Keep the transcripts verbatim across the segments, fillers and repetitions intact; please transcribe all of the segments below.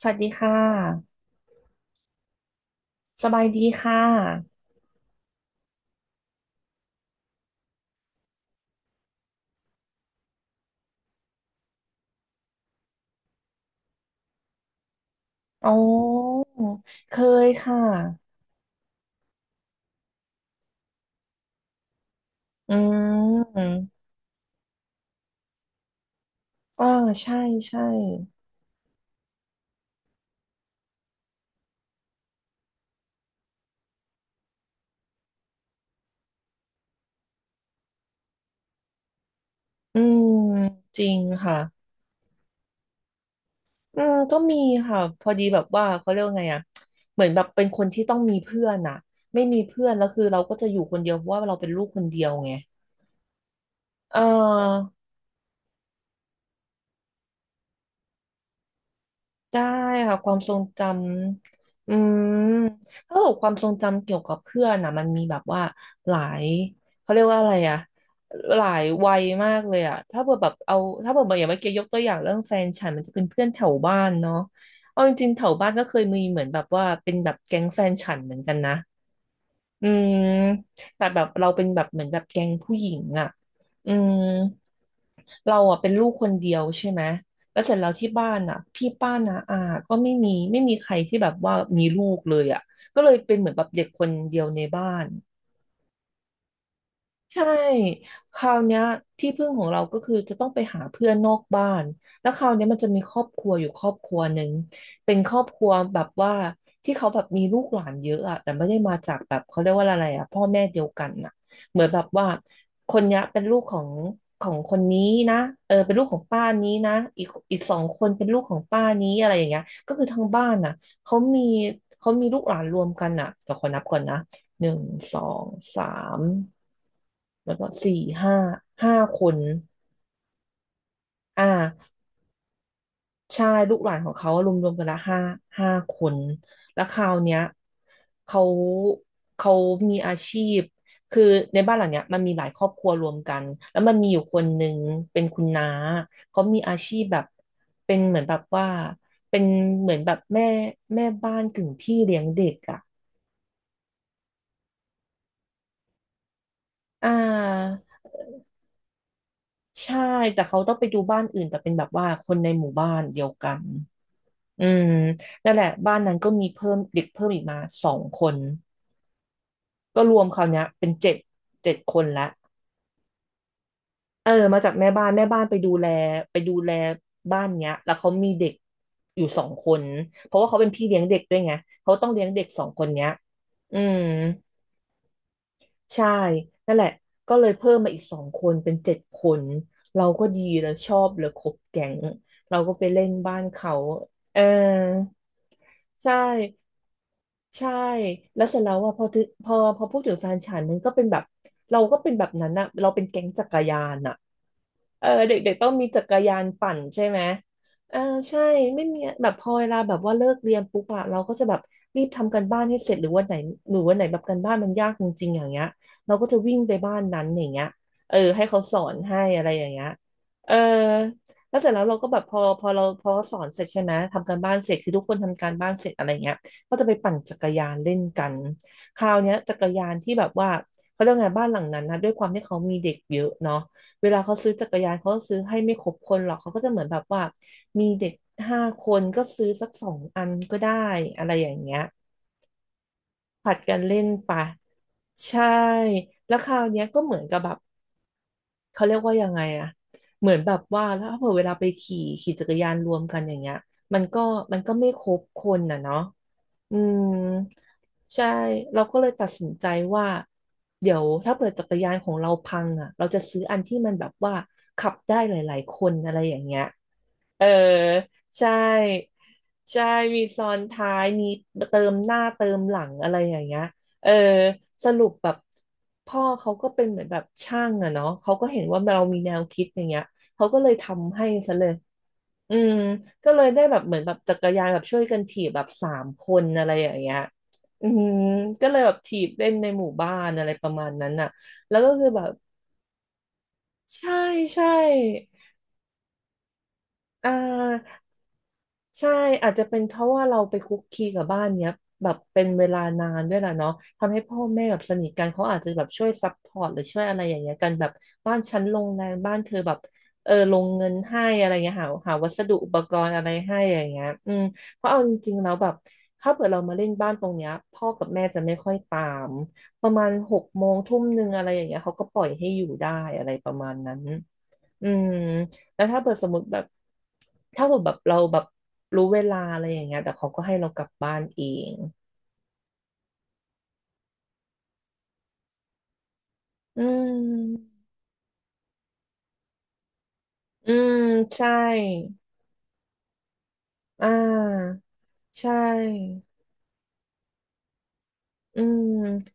สวัสดีค่ะสบายดีค่ะอ๋อเคยค่ะอืมอ่าใช่ใช่อืมจริงค่ะ อืม ก็มีค่ะ พอดีแบบว่าเขาเรียกว่าไงอ่ะเหมือนแบบเป็นคนที่ต้องมีเพื่อนอ่ะไม่มีเพื่อนแล้วคือเราก็จะอยู่คนเดียวเพราะว่าเราเป็นลูกคนเดียวไงเออ ได้ค่ะความทรงจำอืมถ้าเกิดความทรงจำเกี่ยวกับเพื่อนนะมันมีแบบว่าหลายเขาเรียกว่าอะไรอะหลายวัยมากเลยอะถ้าเกิดแบบเอาถ้าเกิดแบบอย่างเมื่อกี้ยกตัวอย่างเรื่องแฟนฉันมันจะเป็นเพื่อนแถวบ้านเนาะเอาจริงๆแถวบ้านก็เคยมีเหมือนแบบว่าเป็นแบบแก๊งแฟนฉันเหมือนกันนะ อืมแต่แบบเราเป็นแบบเหมือนแบบแก๊งผู้หญิงอ่ะอืมเราอ่ะเป็นลูกคนเดียวใช่ไหมแล้วเสร็จแล้วที่บ้านอ่ะพี่ป้านาอาก็ไม่มีไม่มีใครที่แบบว่ามีลูกเลยอ่ะก็เลยเป็นเหมือนแบบเด็กคนเดียวในบ้าน ใช่คราวเนี้ยที่พึ่งของเราก็คือจะต้องไปหาเพื่อนนอกบ้านแล้วคราวเนี้ยมันจะมีครอบครัวอยู่ครอบครัวหนึ่งเป็นครอบครัวแบบว่าที่เขาแบบมีลูกหลานเยอะอะแต่ไม่ได้มาจากแบบเขาเรียกว่าอะไรอะพ่อแม่เดียวกันน่ะเหมือนแบบว่าคนเนี้ยเป็นลูกของของคนนี้นะเออเป็นลูกของป้านี้นะอีกอีกสองคนเป็นลูกของป้านี้อะไรอย่างเงี้ยก็คือทั้งบ้านน่ะเขามีเขามีลูกหลานรวมกันน่ะแต่ขอนับก่อนนะหนึ่งสองสาม แล้วก็สี่ห้าห้าคนอ่าใช่ลูกหลานของเขารวมๆกันละห้าห้าคนแล้วคราวเนี้ยเขาเขามีอาชีพคือในบ้านหลังเนี้ยมันมีหลายครอบครัวรวมกันแล้วมันมีอยู่คนหนึ่งเป็นคุณน้าเขามีอาชีพแบบเป็นเหมือนแบบว่าเป็นเหมือนแบบแม่แม่บ้านกึ่งพี่เลี้ยงเด็กอ่ะอ่าใช่แต่เขาต้องไปดูบ้านอื่นแต่เป็นแบบว่าคนในหมู่บ้านเดียวกัน อืมนั่นแหละบ้านนั้นก็มีเพิ่มเด็กเพิ่มอีกมาสองคนก็รวมคราวเนี้ยเป็นเจ็ดเจ็ดคนละเออมาจากแม่บ้านแม่บ้านไปดูแลไปดูแลบ้านเนี้ยแล้วเขามีเด็กอยู่สองคนเพราะว่าเขาเป็นพี่เลี้ยงเด็กด้วยไงเขาต้องเลี้ยงเด็กสองคนเนี้ยอืมใช่นั่นแหละก็เลยเพิ่มมาอีกสองคนเป็นเจ็ดคนเราก็ดีเลยชอบเลยครบแก๊งเราก็ไปเล่นบ้านเขาเออใช่ ใช่ แล้วเสร็จแล้วอ่ะพอถึงพอพอพูดถึงแฟนฉันมันก็เป็นแบบเราก็เป็นแบบนั้นอะเราเป็นแก๊งจักรยานอะเออเด็กๆต้องมีจักรยานปั่นใช่ไหมเออใช่ไม่มีแบบพอเวลาแบบว่าเลิกเรียนปุ๊บอะเราก็จะแบบรีบทำการบ้านให้เสร็จหรือวันไหนหรือวันไหนแบบการบ้านมันยากจริงๆอย่างเงี้ยเราก็จะวิ่งไปบ้านนั้นอย่างเงี้ยเออให้เขาสอนให้อะไรอย่างเงี้ยเออแล้วเสร็จแล้วเราก็แบบพอพอเราพอสอนเสร็จใช่ไหมทำการบ้านเสร็จคือทุกคนทำการบ้านเสร็จอะไรเงี้ย ก็จะไปปั่นจักรยานเล่นกันคราวเนี้ยจักรยานที่แบบว่าเขาเรียกไงบ้านหลังนั้นนะด้วยความที่เขามีเด็กเยอะเนาะเวลาเขาซื้อจักรยานเขาก็ซื้อให้ไม่ครบคนหรอกเขาก็จะเหมือนแบบว่ามีเด็กห้าคนก็ซื้อสักสองอันก็ได้อะไรอย่างเงี้ยผัดกันเล่นไปใช่แล้วคราวเนี้ยก็เหมือนกับแบบเขาเรียกว่ายังไงอะเหมือนแบบว่าแล้วพอเวลาไปขี่ขี่จักรยานรวมกันอย่างเงี้ยมันก็มันก็ไม่ครบคนน่ะเนาะ อืมใช่เราก็เลยตัดสินใจว่าเดี๋ยวถ้าเปิดจักรยานของเราพังอ่ะเราจะซื้ออันที่มันแบบว่าขับได้หลายๆคนอะไรอย่างเงี้ยเออใช่ใช่มีซ้อนท้ายมีเติมหน้าเติมหลังอะไรอย่างเงี้ยเออสรุปแบบพ่อเขาก็เป็นเหมือนแบบช่างอะเนาะเขาก็เห็นว่าเรามีแนวคิดอย่างเงี้ยเขาก็เลยทำให้ซะเลย อืมก็เลยได้แบบเหมือนแบบจักรยานแบบช่วยกันถีบแบบสามคนอะไรอย่างเงี้ยอืมก็เลยแบบถีบเล่นในหมู่บ้านอะไรประมาณนั้นน่ะแล้วก็คือแบบใช่ใช่อ่า ใช่อาจจะเป็นเพราะว่าเราไปคุกคีกับบ้านเนี้ยแบบเป็นเวลานานด้วยแหละเนาะทำให้พ่อแม่แบบสนิทกันเขาอาจจะแบบช่วยซัพพอร์ตหรือช่วยอะไรอย่างเงี้ยกันแบบบ้านฉันลงแรงบ้านเธอแบบเออลงเงินให้อะไรเงี้ยหาหาวัสดุอุปกรณ์อะไรให้อย่างเงี้ยอืมเพราะเอาจริงๆแล้วแบบถ้าเกิดเรามาเล่นบ้านตรงเนี้ยพ่อกับแม่จะไม่ค่อยตามประมาณหกโมงทุ่มหนึ่งอะไรอย่างเงี้ยเขาก็ปล่อยให้อยู่ได้อะไรประมาณนั้น อืมแล้วถ้าเปิดสมมติแบบถ้าเปิดแบบเราแบบรู้เวลาอะไรอย่างเงี้ยแต่เขาก็ให้เรากลับบ้านเองอืมอืมใช่อ่าใช่อืม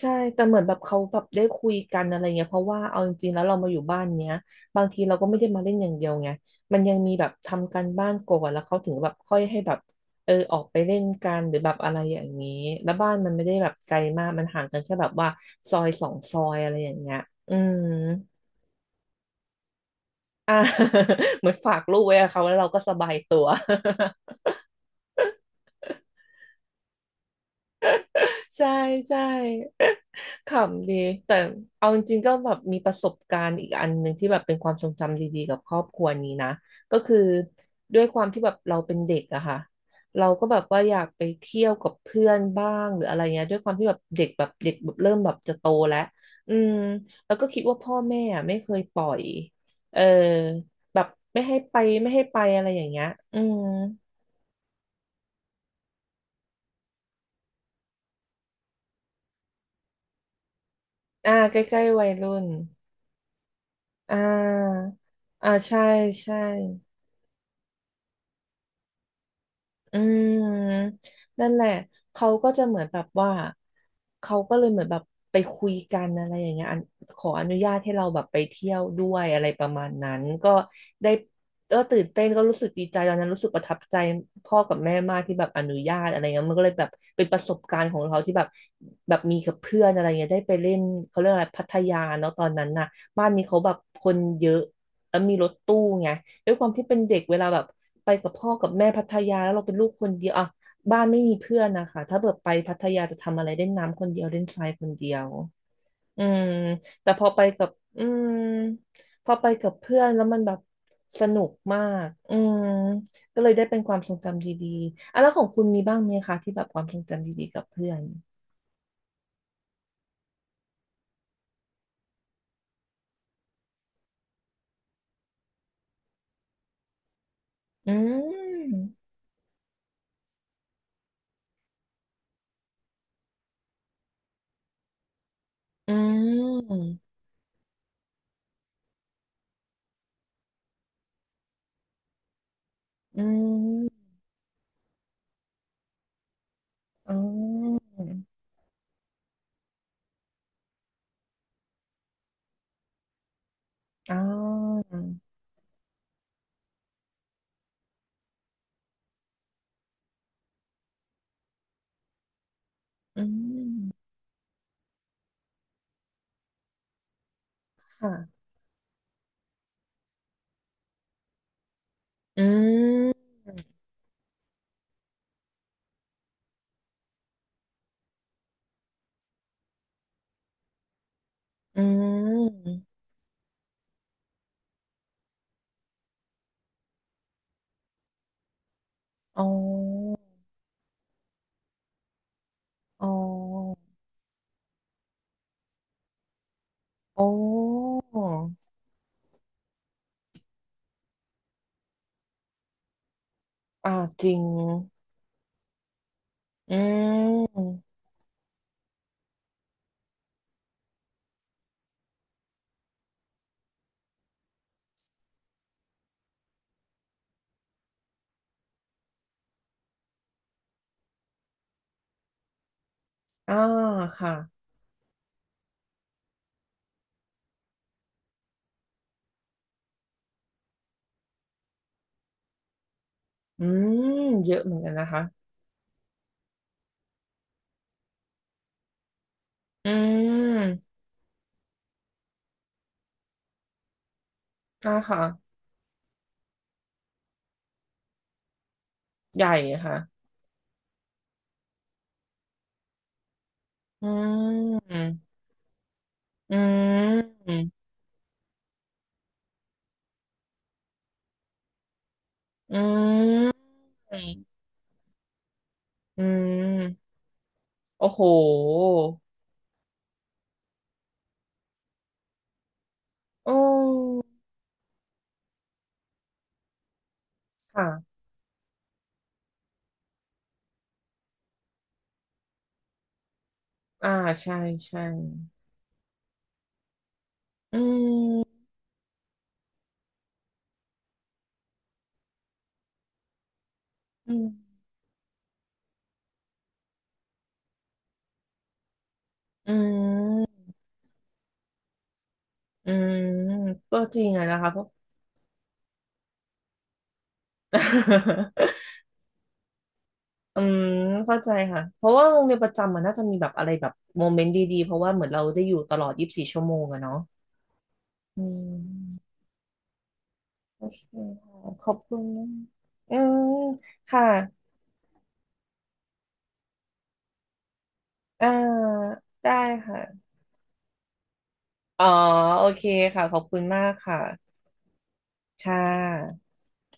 ใช่แต่เหมือนแบบเขาแบบได้คุยกันอะไรเงี้ยเพราะว่าเอาจริงๆแล้วเรามาอยู่บ้านเนี้ยบางทีเราก็ไม่ได้มาเล่นอย่างเดียวไงมันยังมีแบบทำการบ้านก่อนแล้วเขาถึงแบบค่อยให้แบบเออออกไปเล่นกันหรือแบบอะไรอย่างนี้แล้วบ้านมันไม่ได้แบบไกลมากมันห่างกันแค่แบบว่าซอยสองซอยอะไรอย่างเงี้ยอืมอ่า เหมือนฝากลูกไว้กับเขาแล้วเราก็สบายตัว ใช่ใช่ ขำดีแต่เอาจริงๆก็แบบมีประสบการณ์อีกอันหนึ่งที่แบบเป็นความทรงจำดีๆกับครอบครัวนี้นะก็คือด้วยความที่แบบเราเป็นเด็กอะค่ะเราก็แบบว่าอยากไปเที่ยวกับเพื่อนบ้างหรืออะไรเงี้ยด้วยความที่แบบเด็กแบบเด็กแบบเริ่มแบบจะโตแล้วอืมแล้วก็คิดว่าพ่อแม่อะไม่เคยปล่อยเออแบบไม่ให้ไปไม่ให้ไปอะไรอย่างเงี้ยอืมอ่าใกล้ๆวัยรุ่นอ่าอ่าใช่ใช่ อืมนั่นแหละเขาก็จะเหมือนแบบว่าเขาก็เลยเหมือนแบบไปคุยกันอะไรอย่างเงี้ยอันขออนุญาตให้เราแบบไปเที่ยวด้วยอะไรประมาณนั้นก็ได้ก็ตื่นเต้นก็รู้สึกดีใจตอนนั้นรู้สึกประทับใจพ่อกับแม่มากที่แบบอนุญาตอะไรเงี้ยมันก็เลยแบบเป็นประสบการณ์ของเราที่แบบแบบมีกับเพื่อนอะไรเงี้ยได้ไปเล่นเขาเรียกอะไรพัทยาเนาะตอนนั้นน่ะบ้านนี้เขาแบบคนเยอะแล้วมีรถตู้ไง ด้วยความที่เป็นเด็กเวลาแบบไปกับพ่อกับแม่พัทยาแล้วเราเป็นลูกคนเดียวอ่ะบ้านไม่มีเพื่อนนะคะถ้าเบิดไปพัทยาจะทำอะไรเล่นน้ำคนเดียวเล่นทรายคนเดียวอืมแต่พอไปกับอืมพอไปกับเพื่อนแล้วมันแบบสนุกมากอืมก็เลยได้เป็นความทรงจำดีๆอ่ะแล้วของคุณมีบ้างไหมคะที่แบบความทรงจำดีๆกับเพื่อนอืมอืมอืมอ๋ออ๋ออืมค่ะ อืมอืมอ๋ออ๋อโอ้ออ่าจริงอืมอ่าค่ะอืมเยอะเหมือนกันนะคะอืมอ่าค่ะใหญ่ค่ะอืมอืมอืมอืมโอ้โหโอ้ค่ะอ่าใช่ใช่อืมอืมอืม อืมก็จริงอะนะคะเพราะ อืมเข้าใจค่ะเพราะว่าโรงเรียนประจำมันน่าจะมีแบบอะไรแบบโมเมนต์ดีๆเพราะว่าเหมือนเราได้อยู่ตลอดยี่สิบสี่ชั่วโมงอะเนาะอืมโอเคค่ะขอบคุณนะอืมค่ะอ่าได้ค่ะอ๋อโอเคค่ะขอบคุณมากค่ะค่ะ